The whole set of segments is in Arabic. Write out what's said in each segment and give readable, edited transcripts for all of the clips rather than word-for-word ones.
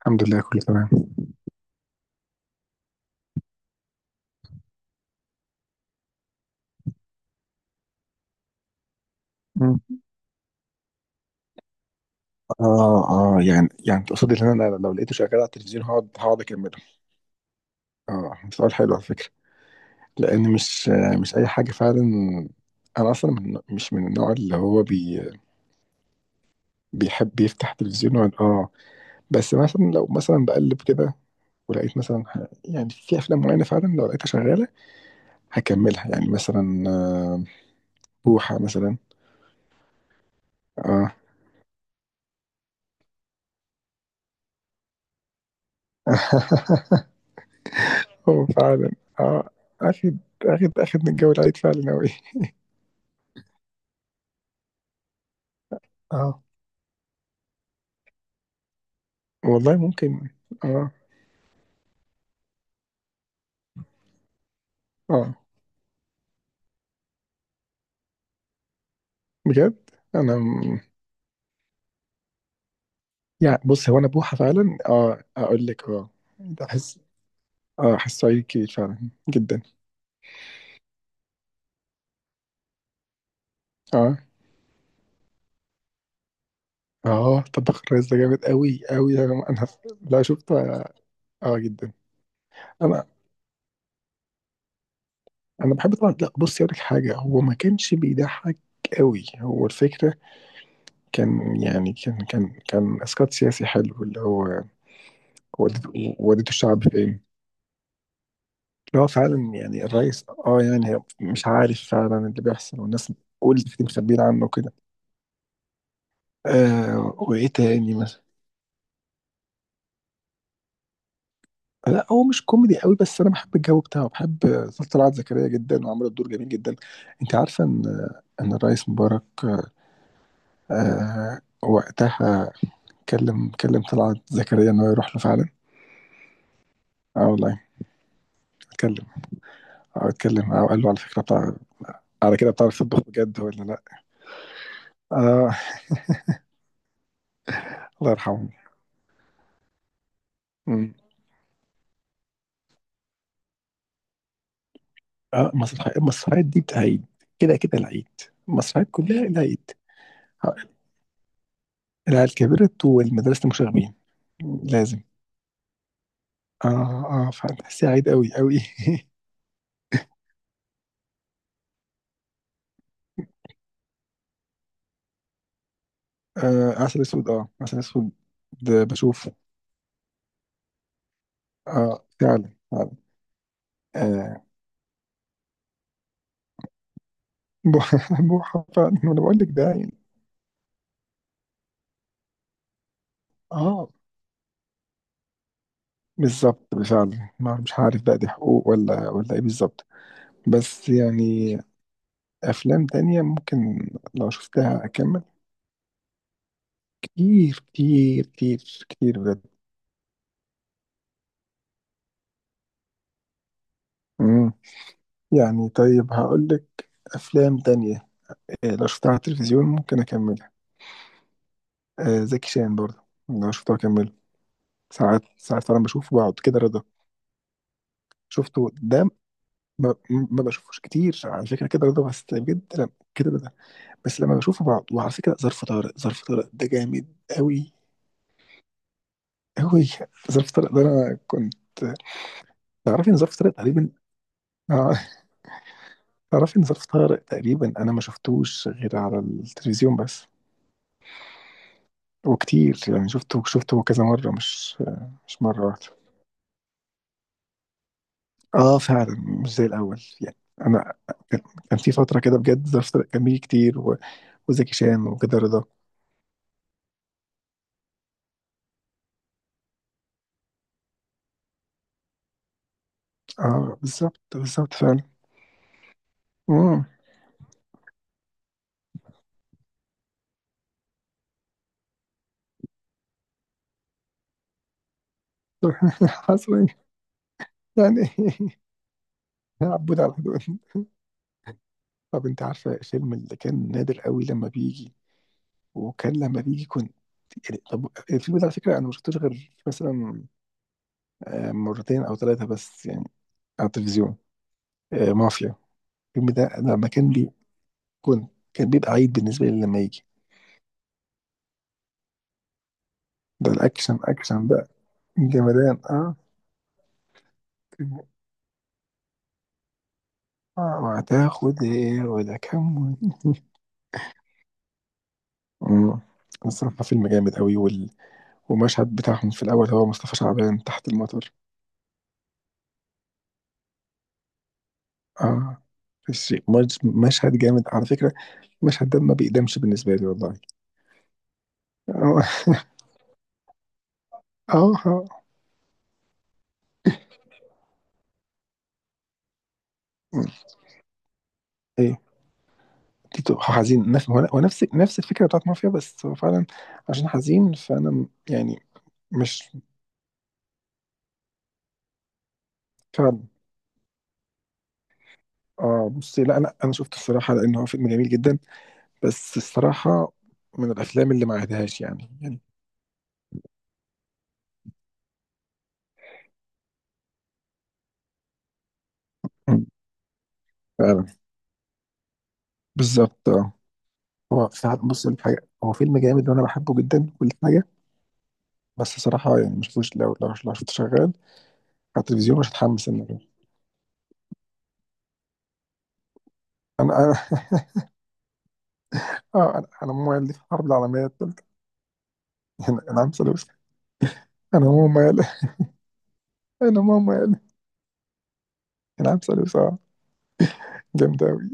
الحمد لله، كله تمام. مم. اه، اه، يعني تقصد ان انا لو لقيته شغال على التلفزيون هقعد اكمله. اه، سؤال حلو على فكره. لان مش اي حاجه فعلا. انا اصلا من مش من النوع اللي هو بيحب يفتح تلفزيون ويقعد. اه، بس مثلا لو مثلا بقلب كده، ولقيت مثلا يعني في افلام معينه فعلا لو لقيتها شغاله هكملها. يعني مثلا بوحه مثلا. اه. هو فعلا، اه، اخد اخد من الجو العيد فعلا اوي. اه، والله ممكن. اه، اه، بجد. انا م- يعني، بص، هو انا بوحة فعلا. اه، اقول لك، اه، احس اه احس صعيدي كبير فعلا جدا. اه، اه، طباخ الريس ده جامد قوي قوي. أنا لا شفته، اه. آه، جدا. انا انا بحب طبعا. لا بص، اقول لك حاجه، هو ما كانش بيضحك قوي. هو الفكره كان يعني كان كان كان اسقاط سياسي حلو، اللي هو وديته الشعب فين. هو فعلا، يعني الرئيس، اه، يعني هي مش عارف فعلا اللي بيحصل، والناس بتقول كتير مخبيين عنه كده. آه، وايه تاني مثلا؟ لا هو مش كوميدي قوي، بس انا بحب الجو بتاعه. بحب طلعت زكريا جدا، وعملت دور جميل جدا. انت عارفه ان الرئيس مبارك، آه، وقتها، كلم طلعت زكريا ان هو يروح له فعلا. اه والله. اتكلم اه اتكلم، اه، قال له على فكره بتاع، على كده بتعرف تطبخ بجد ولا لا؟ اه، الله يرحمه. مم. اه، المسرحيات دي بتاع عيد. كده كده العيد، المسرحيات كلها العيد. آه، العيال كبرت والمدرسة المشاغبين، لازم. اه، اه فعلا، تحسيها عيد قوي قوي. آه، عسل اسود، اه، عسل اسود، ده بشوفه. اه، فعلا فعلا. آه، بوحة، بوحة فعلا، ما انا بقول لك ده يعني. اه، بالظبط فعلا. ما مش عارف بقى، دي حقوق ولا ايه بالظبط. بس يعني افلام تانية ممكن لو شفتها اكمل. كتير كتير كتير كتير بجد. مم. يعني طيب، هقول لك، افلام تانية لو شفتها على التلفزيون ممكن اكملها. زكي شان برضه لو شفته اكمله. ساعات ساعات فعلا بشوفه بقعد. كده رضا شفته، ده ما بشوفوش كتير على فكره. كده رضا، بس بجد لما، كده رضا بس لما بشوفه بقعد. وعلى فكره ظرف طارق، ظرف طارق ده جامد قوي قوي. ظرف طارق ده انا كنت، تعرفي ان ظرف طارق تقريبا، تعرفي إن ظرف طارق تقريبا أنا ما شفتوش غير على التلفزيون بس. وكتير يعني، شفته كذا مرة، مش مرة واحدة. آه فعلا، مش زي الأول. يعني أنا كان كان في فترة كده، بجد ظرف طارق كان بيجي كتير، و... وزكي شان وكده رضا. آه بالظبط بالظبط فعلا. مم. حصل إيه؟ يعني، إيه؟ يا عبود على الحدود. طب أنت عارفة الفيلم اللي كان نادر قوي لما بيجي، وكان لما بيجي كنت، يعني طب، الفيلم ده على فكرة أنا ما شفتوش غير مثلا مرتين او ثلاثه بس، يعني على التلفزيون. مافيا. الفيلم ده أنا لما كان كنت، كان بيبقى عيد بالنسبه لي لما يجي. ده الاكشن، اكشن بقى، جمدان. اه، اه، هتاخد ايه ولا كم. مم. الصراحه فيلم جامد قوي، وال... والمشهد بتاعهم في الاول، هو مصطفى شعبان تحت المطر. اه، مشهد جامد على فكره. المشهد ده ما بيقدمش بالنسبه لي والله. اه، اه، آه. مم. ايه تيتو؟ حزين. نفس، هو نفس الفكره بتاعت مافيا، بس هو فعلا عشان حزين فانا يعني مش فعلا. اه بصي، لا لا، انا شفته الصراحه لان هو فيلم جميل جدا، بس الصراحه من الافلام اللي ما عادهاش يعني، مم. فعلا، بالظبط. اه، هو ساعات، بص لك حاجه، هو فيلم جامد وانا بحبه جدا كل حاجه. بس صراحه يعني ما شفتوش. لو شفته شغال على التلفزيون مش هتحمس ان أنا- انا، انا، اه، انا ماما قال لي في الحرب العالميه الثالثه. أنا عم سلوش. انا ماما قال، انا ماما، العام ثالث. اه، جامد أوي.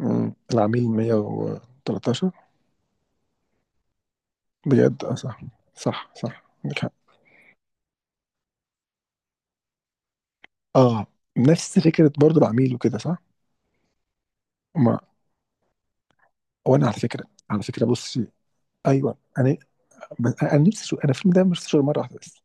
العميل 113. بجد؟ اه، صح صح صح، عندك حق. اه، نفس فكرة برضو العميل وكده، صح؟ ما، وانا على فكرة، بصي، ايوه. انا انا نفسي اشوف، انا الفيلم ده مش اشوفه مرة واحدة بس.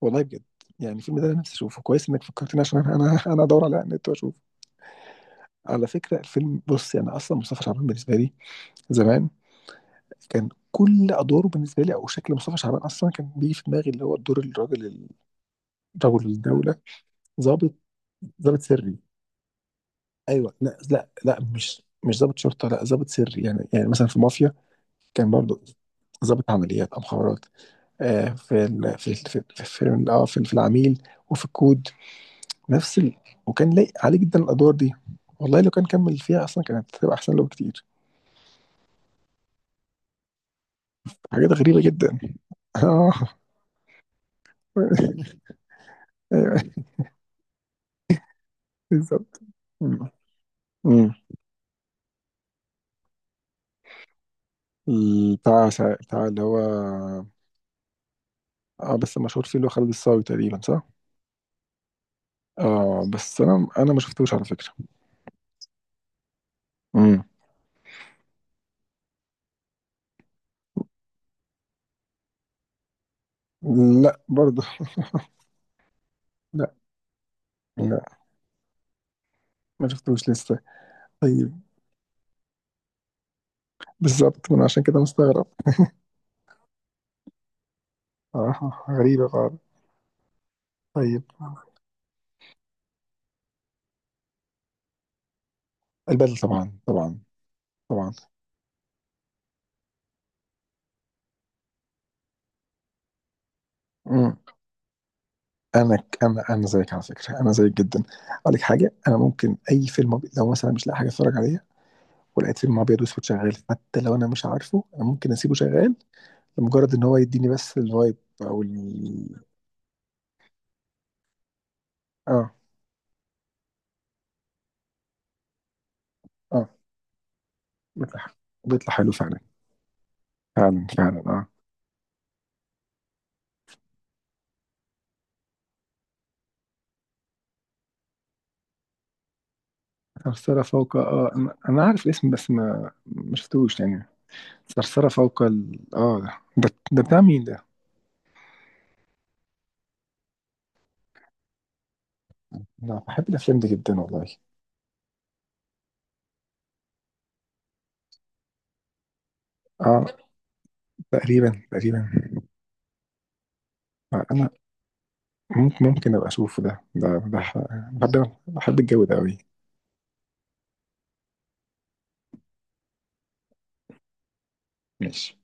والله بجد. يعني الفيلم ده انا نفسي اشوفه كويس انك فكرتني، عشان انا، ادور على النت واشوفه. على فكرة الفيلم، بصي انا اصلا مصطفى شعبان بالنسبة لي زمان، كان كل ادواره بالنسبة لي، او شكل مصطفى شعبان اصلا كان بيجي في دماغي اللي هو الدور، الراجل او الدوله، ضابط ضابط سري. ايوه، لا لا لا، مش ضابط شرطه، لا ضابط سري، يعني يعني مثلا في مافيا كان برضه ضابط عمليات او مخابرات. آه في العميل وفي الكود، نفس ال. وكان لايق عليه جدا الادوار دي. والله لو كان كمل فيها اصلا كانت هتبقى احسن له بكتير. حاجات غريبه جدا. اه، ايوه بالظبط. أمم. أمم. بتاع بتاع اللي هو، اه بس مشهور فيه اللي هو خالد الصاوي تقريبا، صح؟ اه بس انا ما شفتوش على فكرة. امم. لا برضه، لا لا، ما شفتوش لسه. طيب بالظبط، من عشان كده مستغرب. آه، غريبة بعض. طيب البدل، طبعا طبعا طبعا. امم، انا زيك على فكرة، انا زيك جدا. اقول لك حاجة، انا ممكن اي فيلم لو مثلا مش لاقي حاجة اتفرج عليها، ولقيت فيلم ابيض واسود شغال، حتى لو انا مش عارفه، انا ممكن اسيبه شغال لمجرد ان هو يديني بس الفايب او اه، اه، بيطلع بيطلع حلو فعلا. فعلا فعلا. اه، ثرثرة فوق، اه، أنا عارف الاسم بس ما شفتوش يعني. ثرثرة فوق اه، ده بتاع مين ده؟ انا بحب الافلام دي جدا والله. اه، تقريبا تقريبا. آه، انا ممكن ابقى اشوفه. ده بحب، الجو ده قوي. ماشي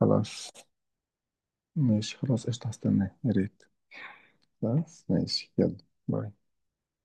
خلاص، قشطة، هستناه يا ريت. خلاص ماشي، يلا، باي.